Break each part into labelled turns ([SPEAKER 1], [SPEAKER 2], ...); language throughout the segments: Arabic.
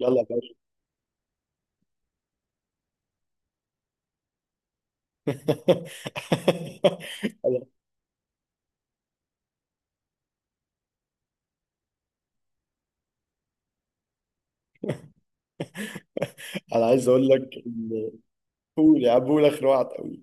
[SPEAKER 1] يلا يا باشا. انا أنا عايز اقول لك ان، قول يا عم، قول اخر واحد قوي.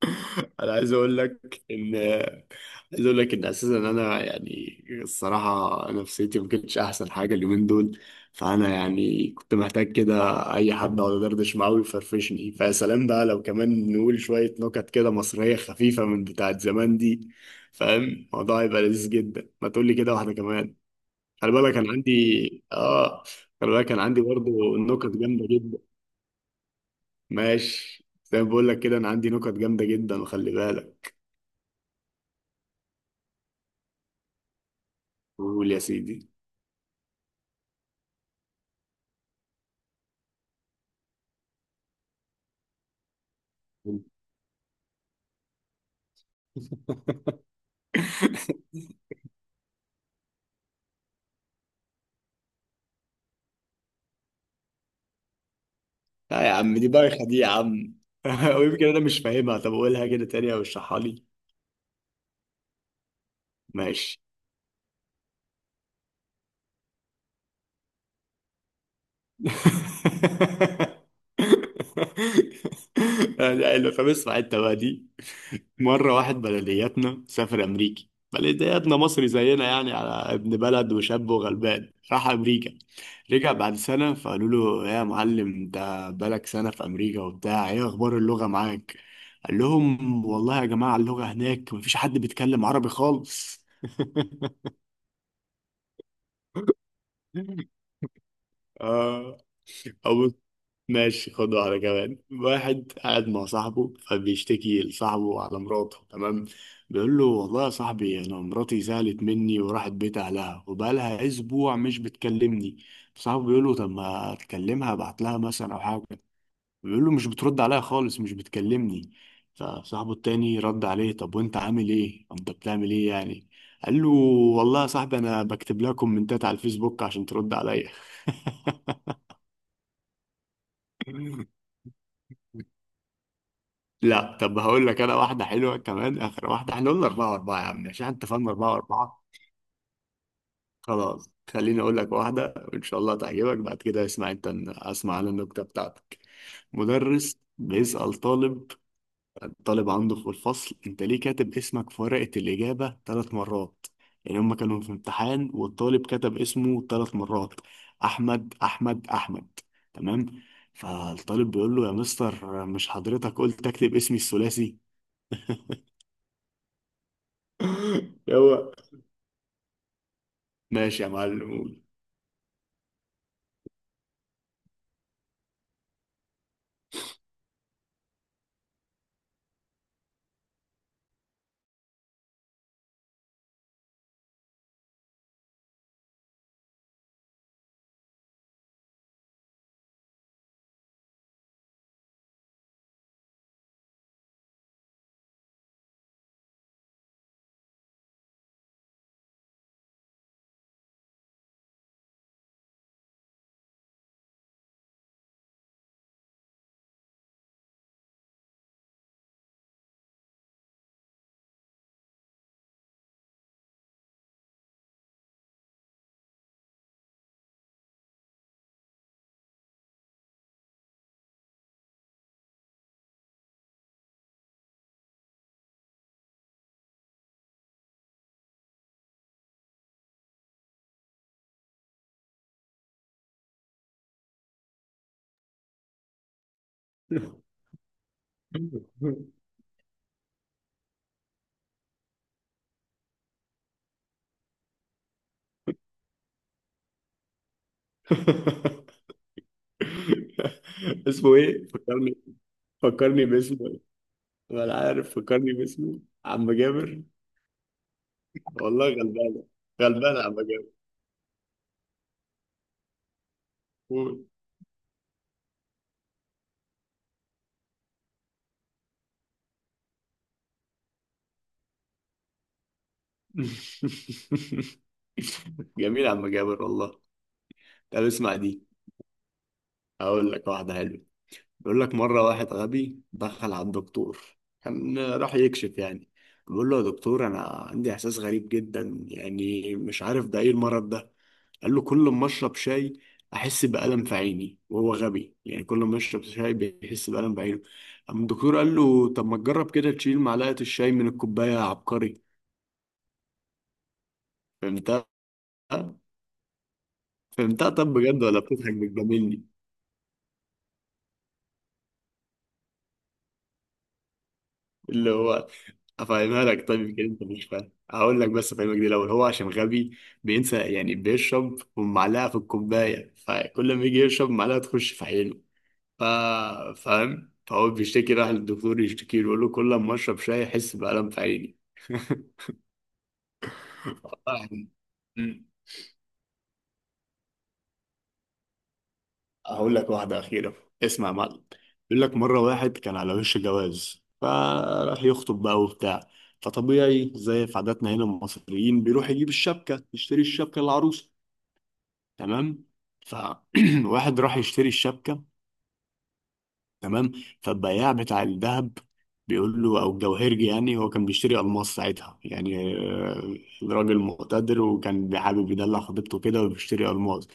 [SPEAKER 1] انا عايز اقول لك ان عايز اقول لك ان اساسا انا يعني الصراحه نفسيتي ما كانتش احسن حاجه اليومين دول. فانا يعني كنت محتاج كده اي حد اقعد ادردش معاه ويفرفشني. فيا سلام بقى لو كمان نقول شويه نكت كده مصريه خفيفه من بتاعت زمان دي. فاهم الموضوع هيبقى لذيذ جدا، ما تقول لي كده واحده كمان. خلي بالك كان عندي اه خلي بالك كان عندي برضه نكت جامده جدا. ماشي، زي ما بقول لك كده، انا عندي نكت جامده جدا، وخلي بالك. قول يا سيدي. لا يا عم، دي بايخه دي يا عم. ويمكن انا مش فاهمها، طب قولها كده تاني او اشرحها لي. ماشي. لا لا، فبسمع انت بقى دي. مرة واحد بلدياتنا سافر أمريكي، بلدياتنا مصري زينا يعني، على ابن بلد وشاب وغلبان راح أمريكا. رجع بعد سنة فقالوا له يا معلم أنت بقالك سنة في أمريكا وبتاع، إيه أخبار اللغة معاك؟ قال لهم والله يا جماعة اللغة هناك مفيش حد بيتكلم عربي خالص. آه. ماشي، خد واحدة كمان. واحد قاعد مع صاحبه فبيشتكي لصاحبه على مراته. تمام. بيقول له والله يا صاحبي أنا مراتي زعلت مني وراحت بيت أهلها وبقالها أسبوع مش بتكلمني. صاحبه بيقول له طب ما أكلمها، أبعت لها مثلا أو حاجة. بيقول له مش بترد عليا خالص، مش بتكلمني. فصاحبه التاني رد عليه طب وأنت عامل إيه؟ أنت بتعمل إيه يعني؟ قال له والله يا صاحبي أنا بكتب لها كومنتات على الفيسبوك عشان ترد عليا. لا طب هقول لك انا واحده حلوه كمان، اخر واحده. احنا قلنا اربعه واربعه يا عم عشان انت فاهم اربعه واربعه. خلاص خليني اقول لك واحده وان شاء الله تعجبك، بعد كده اسمع انت، اسمع على النكته بتاعتك. مدرس بيسأل طالب، الطالب عنده في الفصل، انت ليه كاتب اسمك في ورقه الاجابه ثلاث مرات؟ يعني هما كانوا في امتحان والطالب كتب اسمه ثلاث مرات، احمد احمد احمد، تمام. فالطالب بيقول له يا مستر مش حضرتك قلت اكتب اسمي الثلاثي؟ هو ماشي يا معلم قول. اسمه ايه فكرني، فكرني باسمه، ولا عارف فكرني باسمه. عم جابر. والله غلبانه، غلبانه عم جابر. قول. جميل يا عم جابر والله. طب اسمع دي، هقول لك واحده حلوه. بيقول لك مرة واحد غبي دخل على الدكتور، كان راح يكشف يعني. بيقول له يا دكتور أنا عندي إحساس غريب جدا، يعني مش عارف ده إيه المرض ده. قال له كل ما أشرب شاي أحس بألم في عيني. وهو غبي يعني كل ما يشرب شاي بيحس بألم في عينه. أما الدكتور قال له طب ما تجرب كده تشيل معلقة الشاي من الكوباية يا عبقري. فهمتها؟ فهمتها، طب بجد ولا بتضحك بتجاملني؟ اللي هو، افهمها لك، طيب يمكن انت مش فاهم، هقول لك بس افهمك دي الاول. هو عشان غبي بينسى، يعني بيشرب ومعلقه في الكوبايه، فكل ما يجي يشرب معلقه تخش في عينه. ف... فاهم، فهو بيشتكي، راح للدكتور يشتكي له يقول له كل ما اشرب شاي احس بألم في عيني. والله. أمم. هقول لك واحده اخيره، اسمع يا معلم. يقول لك مره واحد كان على وش جواز، فراح يخطب بقى وبتاع. فطبيعي زي في عاداتنا هنا المصريين بيروح يجيب الشبكه، يشتري الشبكه للعروسه، تمام. فواحد راح يشتري الشبكة، تمام. فالبياع بتاع الذهب بيقول له، او الجوهرجي يعني، هو كان بيشتري الماس ساعتها يعني، آه، راجل مقتدر وكان حابب يدلع خطيبته كده وبيشتري الماس.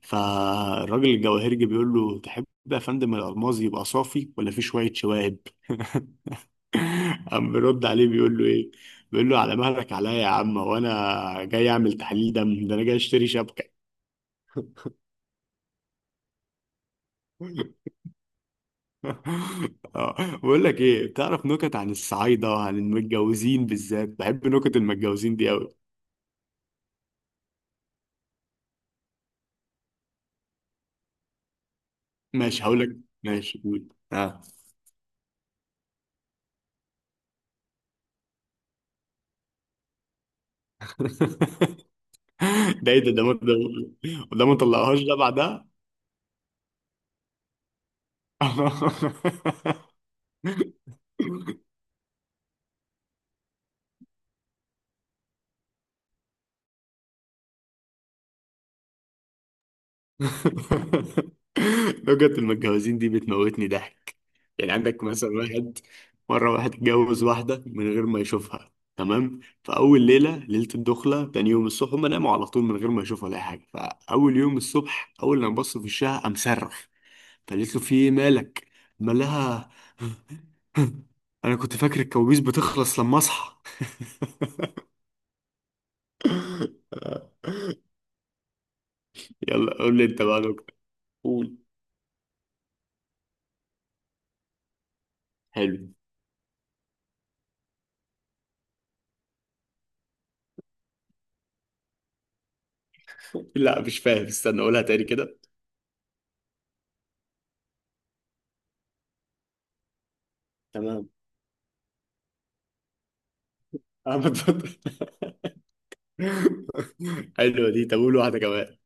[SPEAKER 1] فالراجل الجوهرجي بيقول له تحب يا فندم الالماس يبقى صافي ولا فيه شوية شوائب؟ قام بيرد عليه بيقول له ايه، بيقول له على مهلك عليا يا عم، وانا جاي اعمل تحليل دم؟ ده انا جاي اشتري شبكة. آه، بقول لك ايه، تعرف نكت عن الصعايده وعن المتجوزين؟ بالذات بحب نكت المتجوزين دي قوي. ماشي هقول لك. ماشي قول اه. ده ايه ده ما طلعهاش ده بعدها. لغة المتجوزين دي بتموتني ضحك. يعني عندك مثلا واحد، مرة واحد اتجوز واحدة من غير ما يشوفها، تمام. فأول ليلة، ليلة الدخلة، تاني يوم الصبح، هما ناموا على طول من غير ما يشوفوا ولا أي حاجة. فأول يوم الصبح، أول لما بص في وشها قام صرخ. فقالت له في إيه مالك؟ قال لها أنا كنت فاكر الكوابيس بتخلص لما أصحى. يلا قول لي أنت بقى نكتة. قول. حلو. لا مش فاهم، استنى أقولها تاني كده. تمام. انا بتفضل. حلوه دي، طب قول واحده كمان.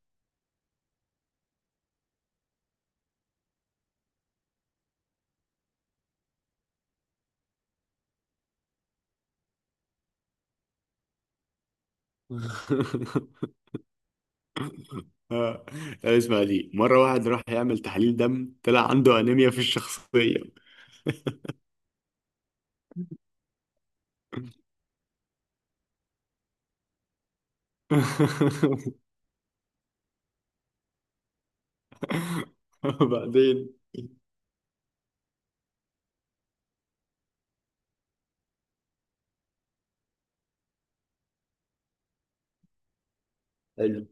[SPEAKER 1] آه. طب اسمع دي، مره واحد راح يعمل تحليل دم طلع عنده انيميا في الشخصيه. وبعدين. حلو.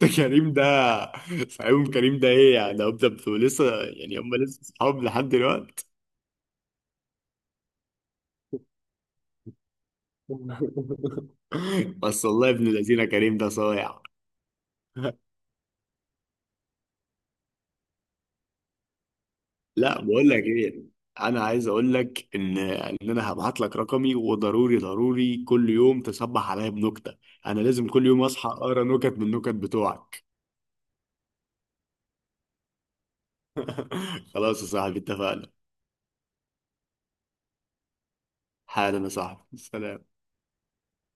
[SPEAKER 1] ده كريم ده، فاهم كريم ده ايه يعني؟ ده بتبقوا لسه يعني، هم لسه اصحاب لحد دلوقتي؟ بس والله ابن الذين كريم ده صايع. لا بقول لك ايه، انا عايز اقول لك ان انا هبعت لك رقمي، وضروري ضروري كل يوم تصبح عليا بنكته. انا لازم كل يوم اصحى اقرا نكت من النكت بتوعك. خلاص يا صاحبي اتفقنا. حالا يا صاحبي سلام.